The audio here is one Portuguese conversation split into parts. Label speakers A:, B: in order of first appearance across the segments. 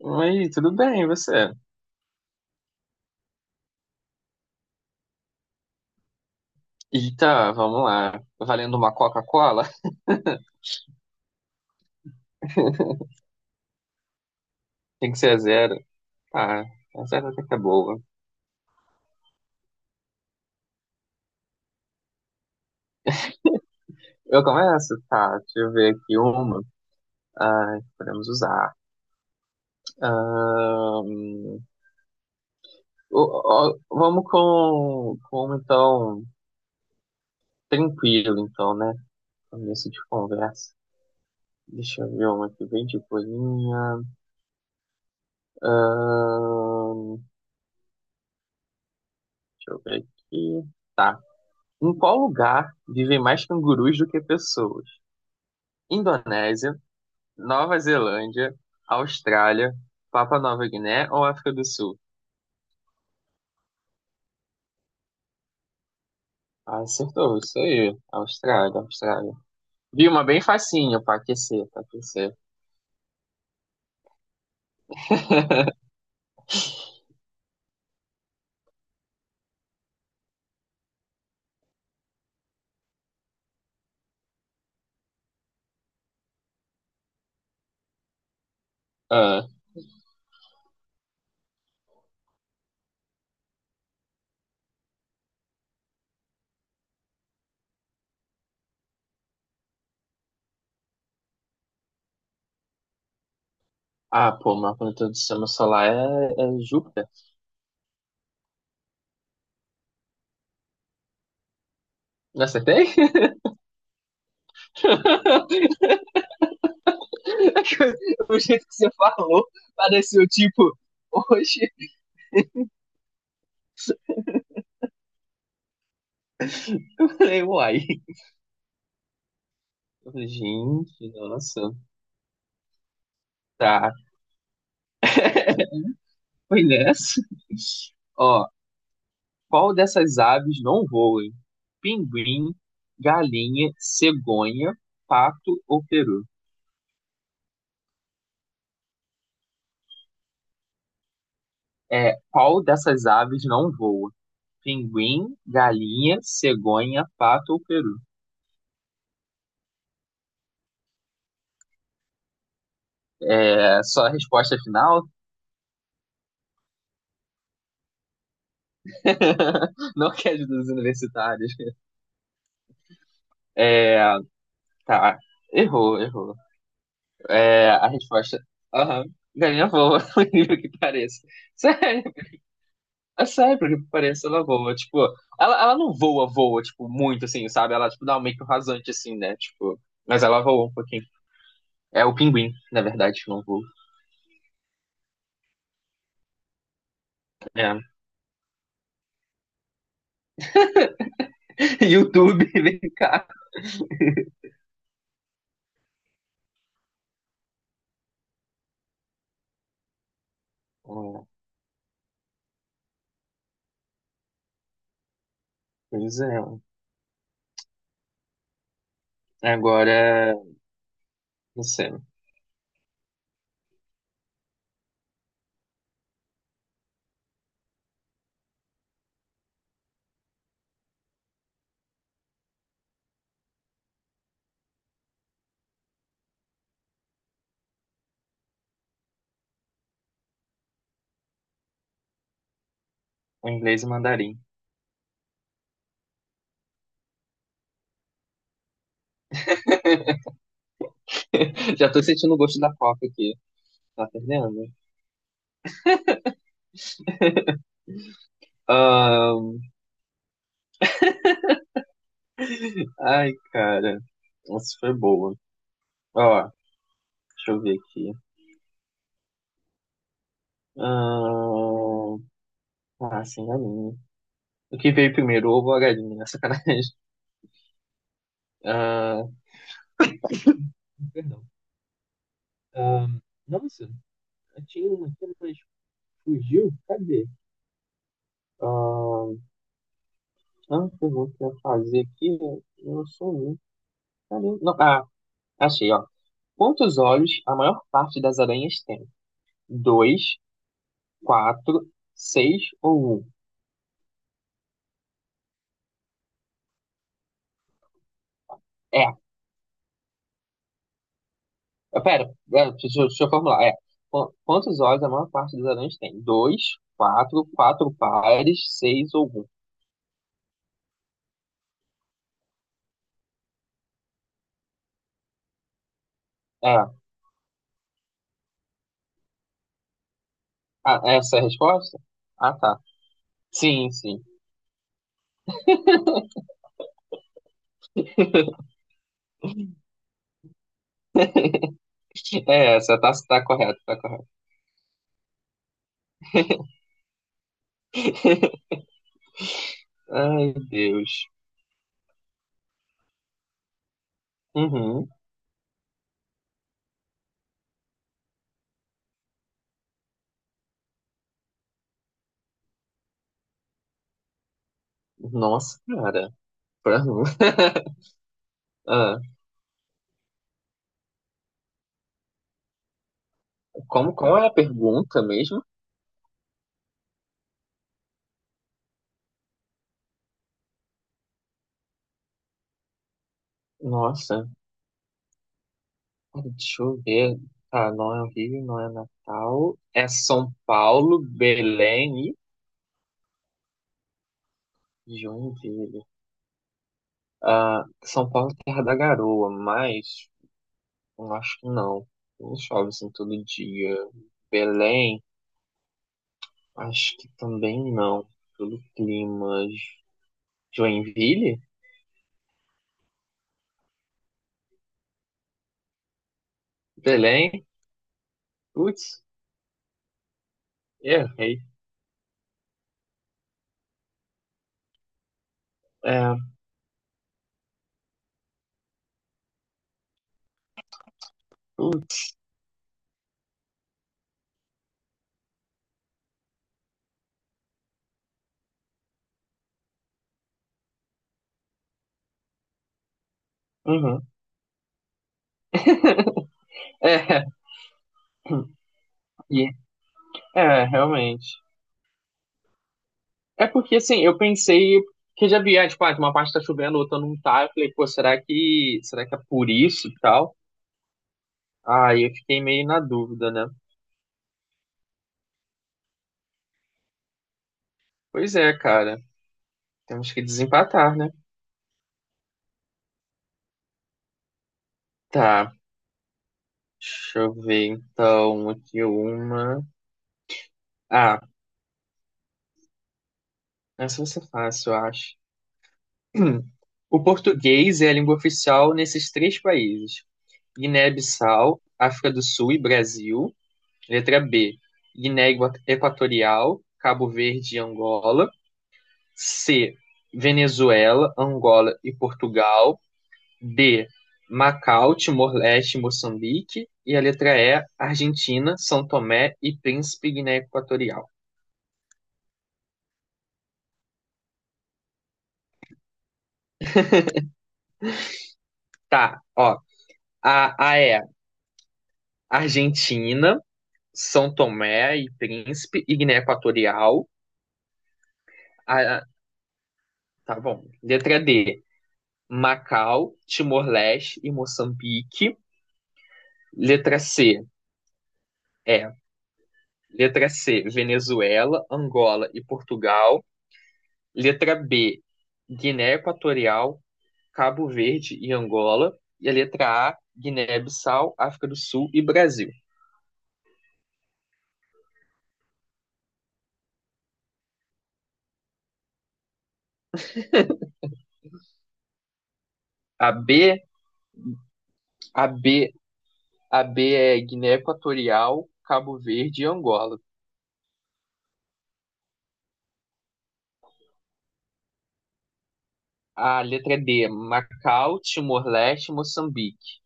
A: Oi, tudo bem, e você? Eita, vamos lá. Valendo uma Coca-Cola? Tem que ser a zero. Tá, a zero até que é boa. Eu começo? Tá, deixa eu ver aqui uma. Ai, podemos usar. Ahn, vamos com uma, então, tranquilo, então, né? Começo de conversa. Deixa eu ver uma aqui bem de boinha. Ahn, deixa eu ver aqui. Tá. Em qual lugar vivem mais cangurus do que pessoas? Indonésia, Nova Zelândia, Austrália, Papua Nova Guiné ou África do Sul? Ah, acertou, isso aí. Austrália, Austrália. Vi uma bem facinha pra aquecer, pra aquecer. Ah, ah, pô, mas quando todo sistema solar é Júpiter. Não acertei? O jeito que você falou pareceu tipo, hoje. Eu falei, uai. Eu falei, gente, nossa. Tá, foi nessa. Ó. Qual dessas aves não voa? Pinguim, galinha, cegonha, pato ou peru? É, qual dessas aves não voa? Pinguim, galinha, cegonha, pato ou peru? É só a resposta final? Não quer ajudar os universitários. É, tá. Errou, errou. É, a resposta. Aham. Galinha voa, por incrível que pareça. Sério. É sério, porque parece ela voa, tipo, ela não voa, voa, tipo, muito assim, sabe? Ela, tipo, dá um meio que um rasante, assim, né? Tipo, mas ela voa um pouquinho. É o pinguim, na verdade, que não voa. É. YouTube, vem cá. É, pois é. Agora, não sei, o inglês e mandarim. Já tô sentindo o gosto da coca aqui. Tá perdendo? Ahn, ai, cara. Essa foi boa. Ó, deixa eu ver aqui. Ahn, sem galinha. O que veio primeiro, o ovo ou a galinha, né? Sacanagem. Ah, perdão. Ah, nossa, tinha uma aqui, mas fugiu. Cadê? ah, pergunta que eu ia fazer aqui, né? Eu sou um. Caramba. Não, ah, achei, ó. Quantos olhos a maior parte das aranhas tem? Dois, quatro, seis ou um? É. Ah, pera, é, deixa, deixa eu formular. É. Quantos olhos a maior parte das aranhas tem? Dois, quatro, quatro pares, seis ou um? É. Ah, essa é a resposta? Ah, tá. Sim, sim. É essa, tá correto, tá correto. Ai, Deus. Uhum. Nossa, cara. Pra- Ah, como, qual é a pergunta mesmo? Nossa, deixa eu ver. Tá, não é o Rio, não é Natal. É São Paulo, Belém e Joinville. Ah, São Paulo, é terra da garoa, mas eu acho que não. Não chove assim todo dia. Belém. Acho que também não. Pelo clima. Joinville? Belém? Putz, errei. É, putz, uhum. É, e- é, realmente. É porque assim, eu pensei que já via, tipo, uma parte tá chovendo, outra não tá. Eu falei, pô, será que é por isso e tal? Aí eu fiquei meio na dúvida, né? Pois é, cara. Temos que desempatar, né? Tá. Deixa eu ver então aqui uma. Ah, essa vai ser fácil, eu acho. O português é a língua oficial nesses três países: Guiné-Bissau, África do Sul e Brasil. Letra B: Guiné Equatorial, Cabo Verde e Angola. C: Venezuela, Angola e Portugal. D: Macau, Timor-Leste e Moçambique. E a letra E: Argentina, São Tomé e Príncipe, Guiné Equatorial. Tá, ó. A é Argentina, São Tomé e Príncipe e Guiné Equatorial. Ah, ah, tá bom. Letra D, Macau, Timor-Leste e Moçambique. Letra C, é. Letra C, Venezuela, Angola e Portugal. Letra B, Guiné Equatorial, Cabo Verde e Angola. E a letra A, Guiné-Bissau, África do Sul e Brasil. A B, a B, a B é Guiné Equatorial, Cabo Verde e Angola. A letra D, Macau, Timor-Leste, e Moçambique.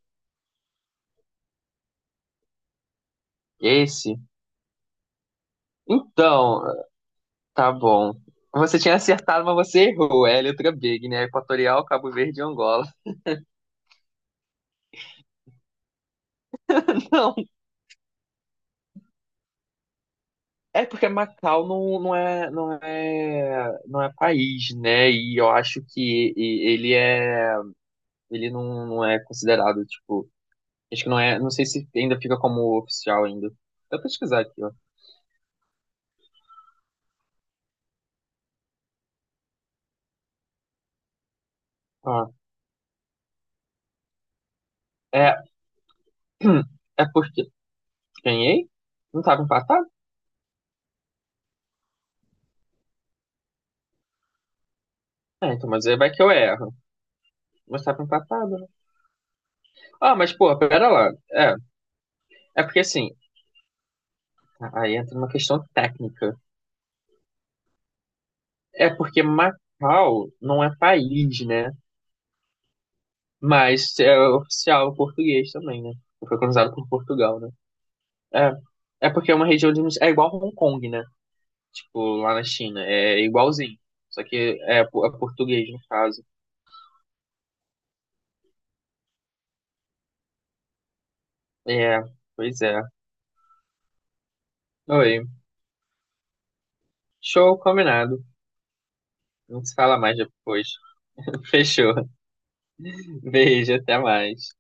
A: Esse? Então, tá bom. Você tinha acertado, mas você errou. É a letra B, Guiné Equatorial, Cabo Verde e Angola. Não, é porque Macau não é país, né? E eu acho que ele não é considerado, tipo, acho que não é, não sei se ainda fica como oficial ainda. Vou pesquisar aqui, ó. Ó, é, é porque ganhei? Não tava empatado? É, então, mas aí vai que eu erro. Mas tava empatado, né? Ah, mas, pô, pera lá. É, é porque assim, aí entra uma questão técnica. É porque Macau não é país, né? Mas é oficial português também, né? Foi colonizado por Portugal, né? É porque é uma região de. É igual Hong Kong, né? Tipo, lá na China. É igualzinho. Só que é português, no caso. É, pois é. Oi. Show combinado. A gente se fala mais depois. Fechou. Beijo, até mais.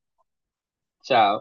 A: Tchau.